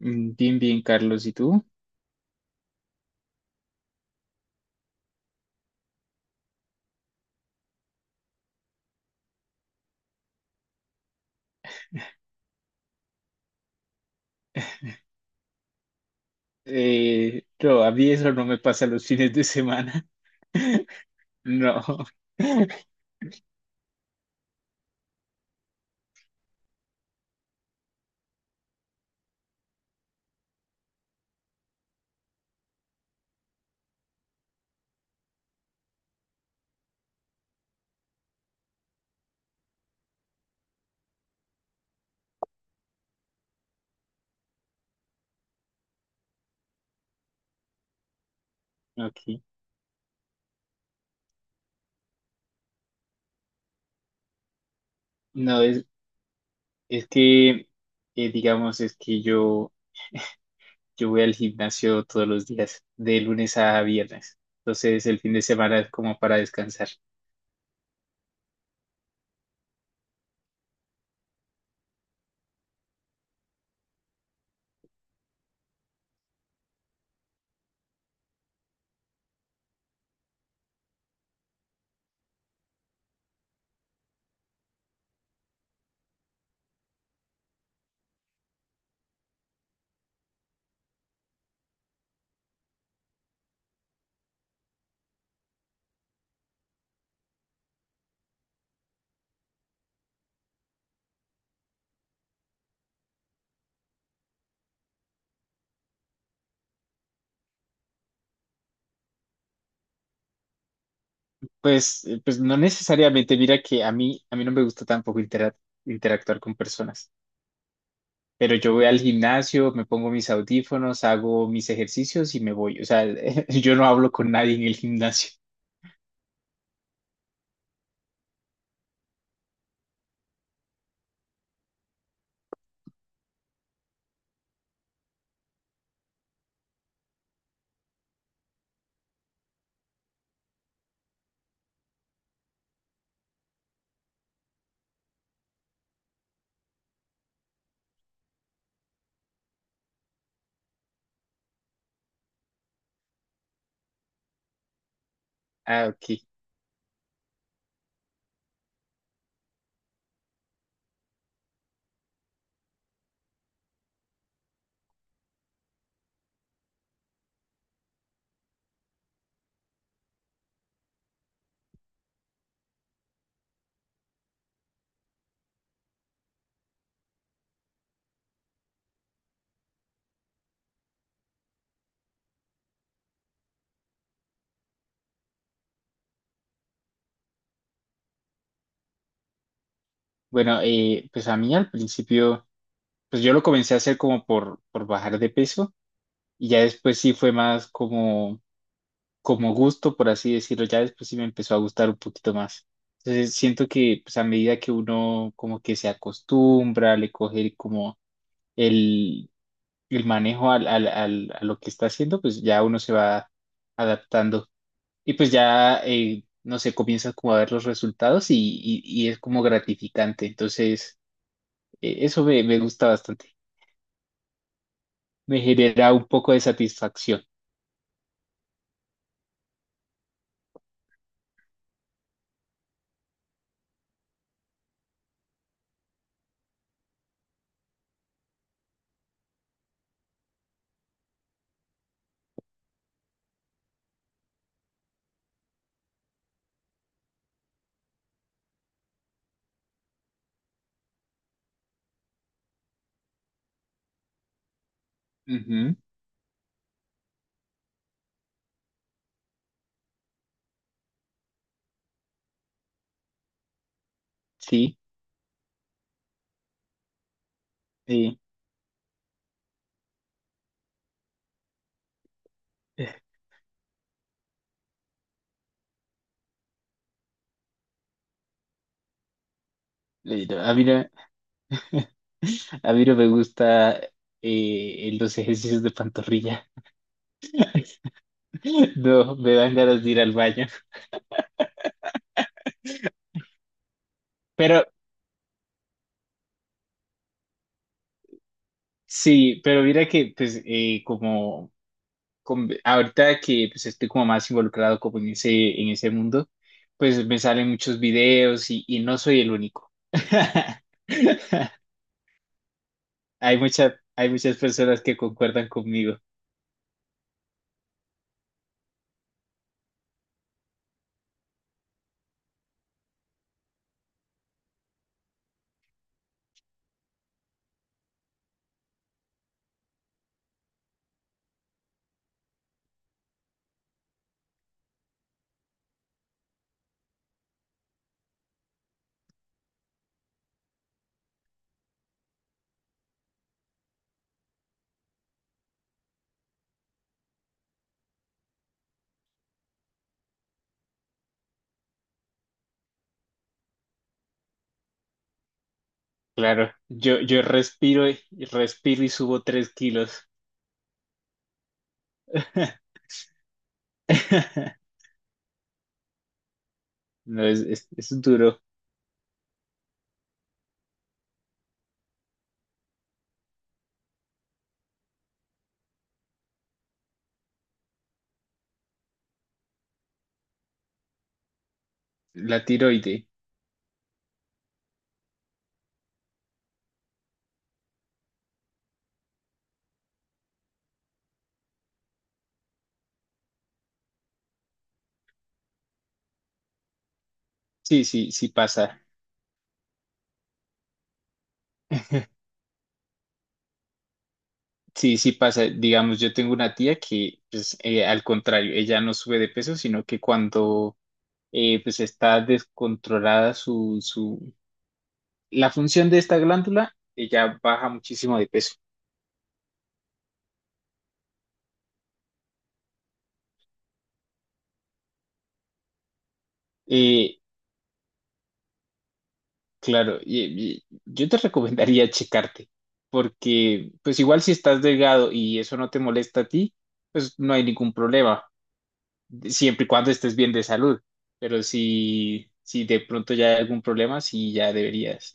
Bien, bien, Carlos, ¿y tú? No, a mí eso no me pasa los fines de semana. No. Ok. No, es, es que, digamos, yo voy al gimnasio todos los días, de lunes a viernes. Entonces, el fin de semana es como para descansar. Pues, pues no necesariamente, mira que a mí no me gusta tampoco interactuar con personas. Pero yo voy al gimnasio, me pongo mis audífonos, hago mis ejercicios y me voy. O sea, yo no hablo con nadie en el gimnasio. Ah, ok. Bueno, pues a mí al principio, pues yo lo comencé a hacer como por bajar de peso y ya después sí fue más como gusto, por así decirlo. Ya después sí me empezó a gustar un poquito más. Entonces siento que pues a medida que uno como que se acostumbra, le coge como el, el manejo al a lo que está haciendo, pues ya uno se va adaptando y pues ya, no sé, comienzas como a ver los resultados y es como gratificante. Entonces, eso me gusta bastante. Me genera un poco de satisfacción. Ujú, sí, sí. No, a mí no, a mí no me gusta los ejercicios de pantorrilla. No, me dan ganas de ir al baño. Pero sí, pero mira que pues ahorita que pues, estoy como más involucrado como en en ese mundo, pues me salen muchos videos y no soy el único. Hay mucha, hay muchas personas que concuerdan conmigo. Claro, yo respiro y respiro y subo 3 kilos. No, es duro. La tiroide. Sí, sí, sí pasa. Sí, sí pasa. Digamos, yo tengo una tía que, pues, al contrario, ella no sube de peso, sino que cuando pues está descontrolada la función de esta glándula, ella baja muchísimo de peso. Eh, claro, y yo te recomendaría checarte, porque pues igual si estás delgado y eso no te molesta a ti, pues no hay ningún problema, de- siempre y cuando estés bien de salud. Pero si de pronto ya hay algún problema, sí ya deberías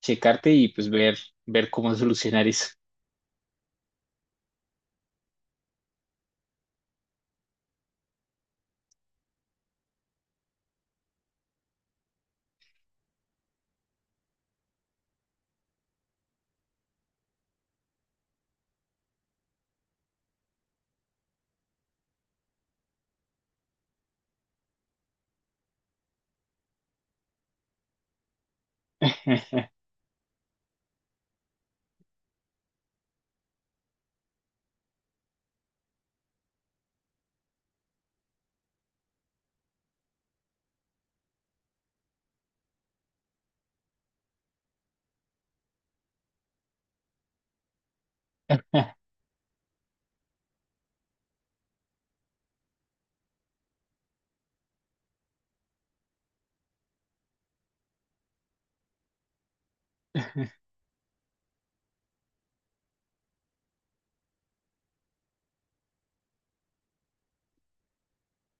checarte y pues ver, ver cómo solucionar eso.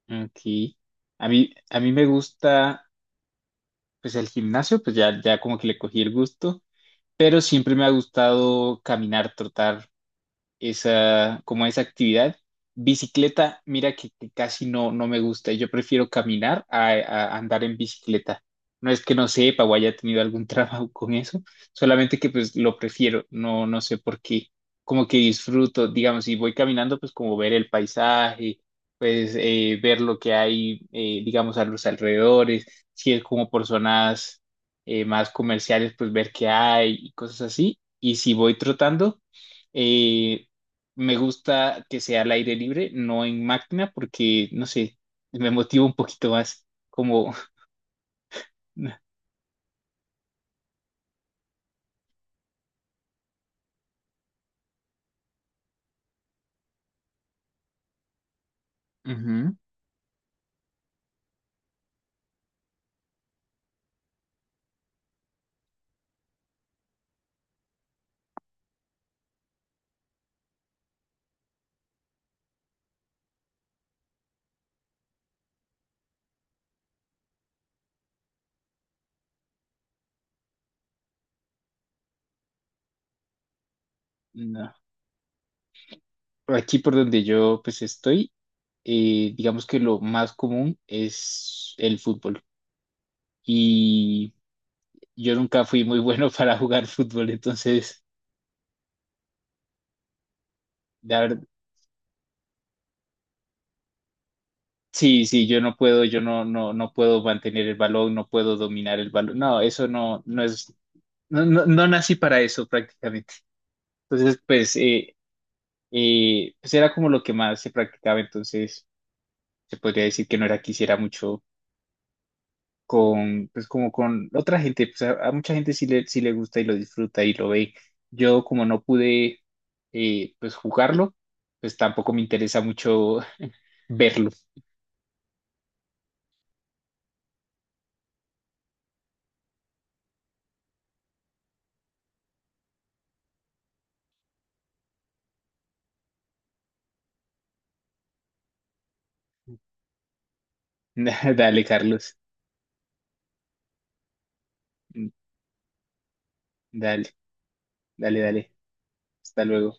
Ok. A mí me gusta pues el gimnasio, pues ya como que le cogí el gusto, pero siempre me ha gustado caminar, trotar, esa, como esa actividad. Bicicleta, mira que casi no, no me gusta. Yo prefiero caminar a andar en bicicleta. No es que no sepa o haya tenido algún trabajo con eso, solamente que pues lo prefiero. No, no sé por qué. Como que disfruto, digamos, si voy caminando, pues como ver el paisaje, pues ver lo que hay, digamos, a los alrededores. Si es como por zonas más comerciales, pues ver qué hay y cosas así. Y si voy trotando, eh, me gusta que sea al aire libre, no en máquina, porque, no sé, me motiva un poquito más, como, ujú. No. Por aquí por donde yo pues estoy, digamos que lo más común es el fútbol. Y yo nunca fui muy bueno para jugar fútbol, entonces, la verdad, sí, sí, yo no, no, no puedo mantener el balón, no puedo dominar el balón. No es, no, no, no nací para eso prácticamente. Entonces, pues, y pues era como lo que más se practicaba, entonces se podría decir que no era que hiciera mucho con, pues como con otra gente, pues a mucha gente sí sí le gusta y lo disfruta y lo ve. Yo como no pude pues jugarlo, pues tampoco me interesa mucho verlo. Dale, Carlos. Dale, dale, dale. Hasta luego.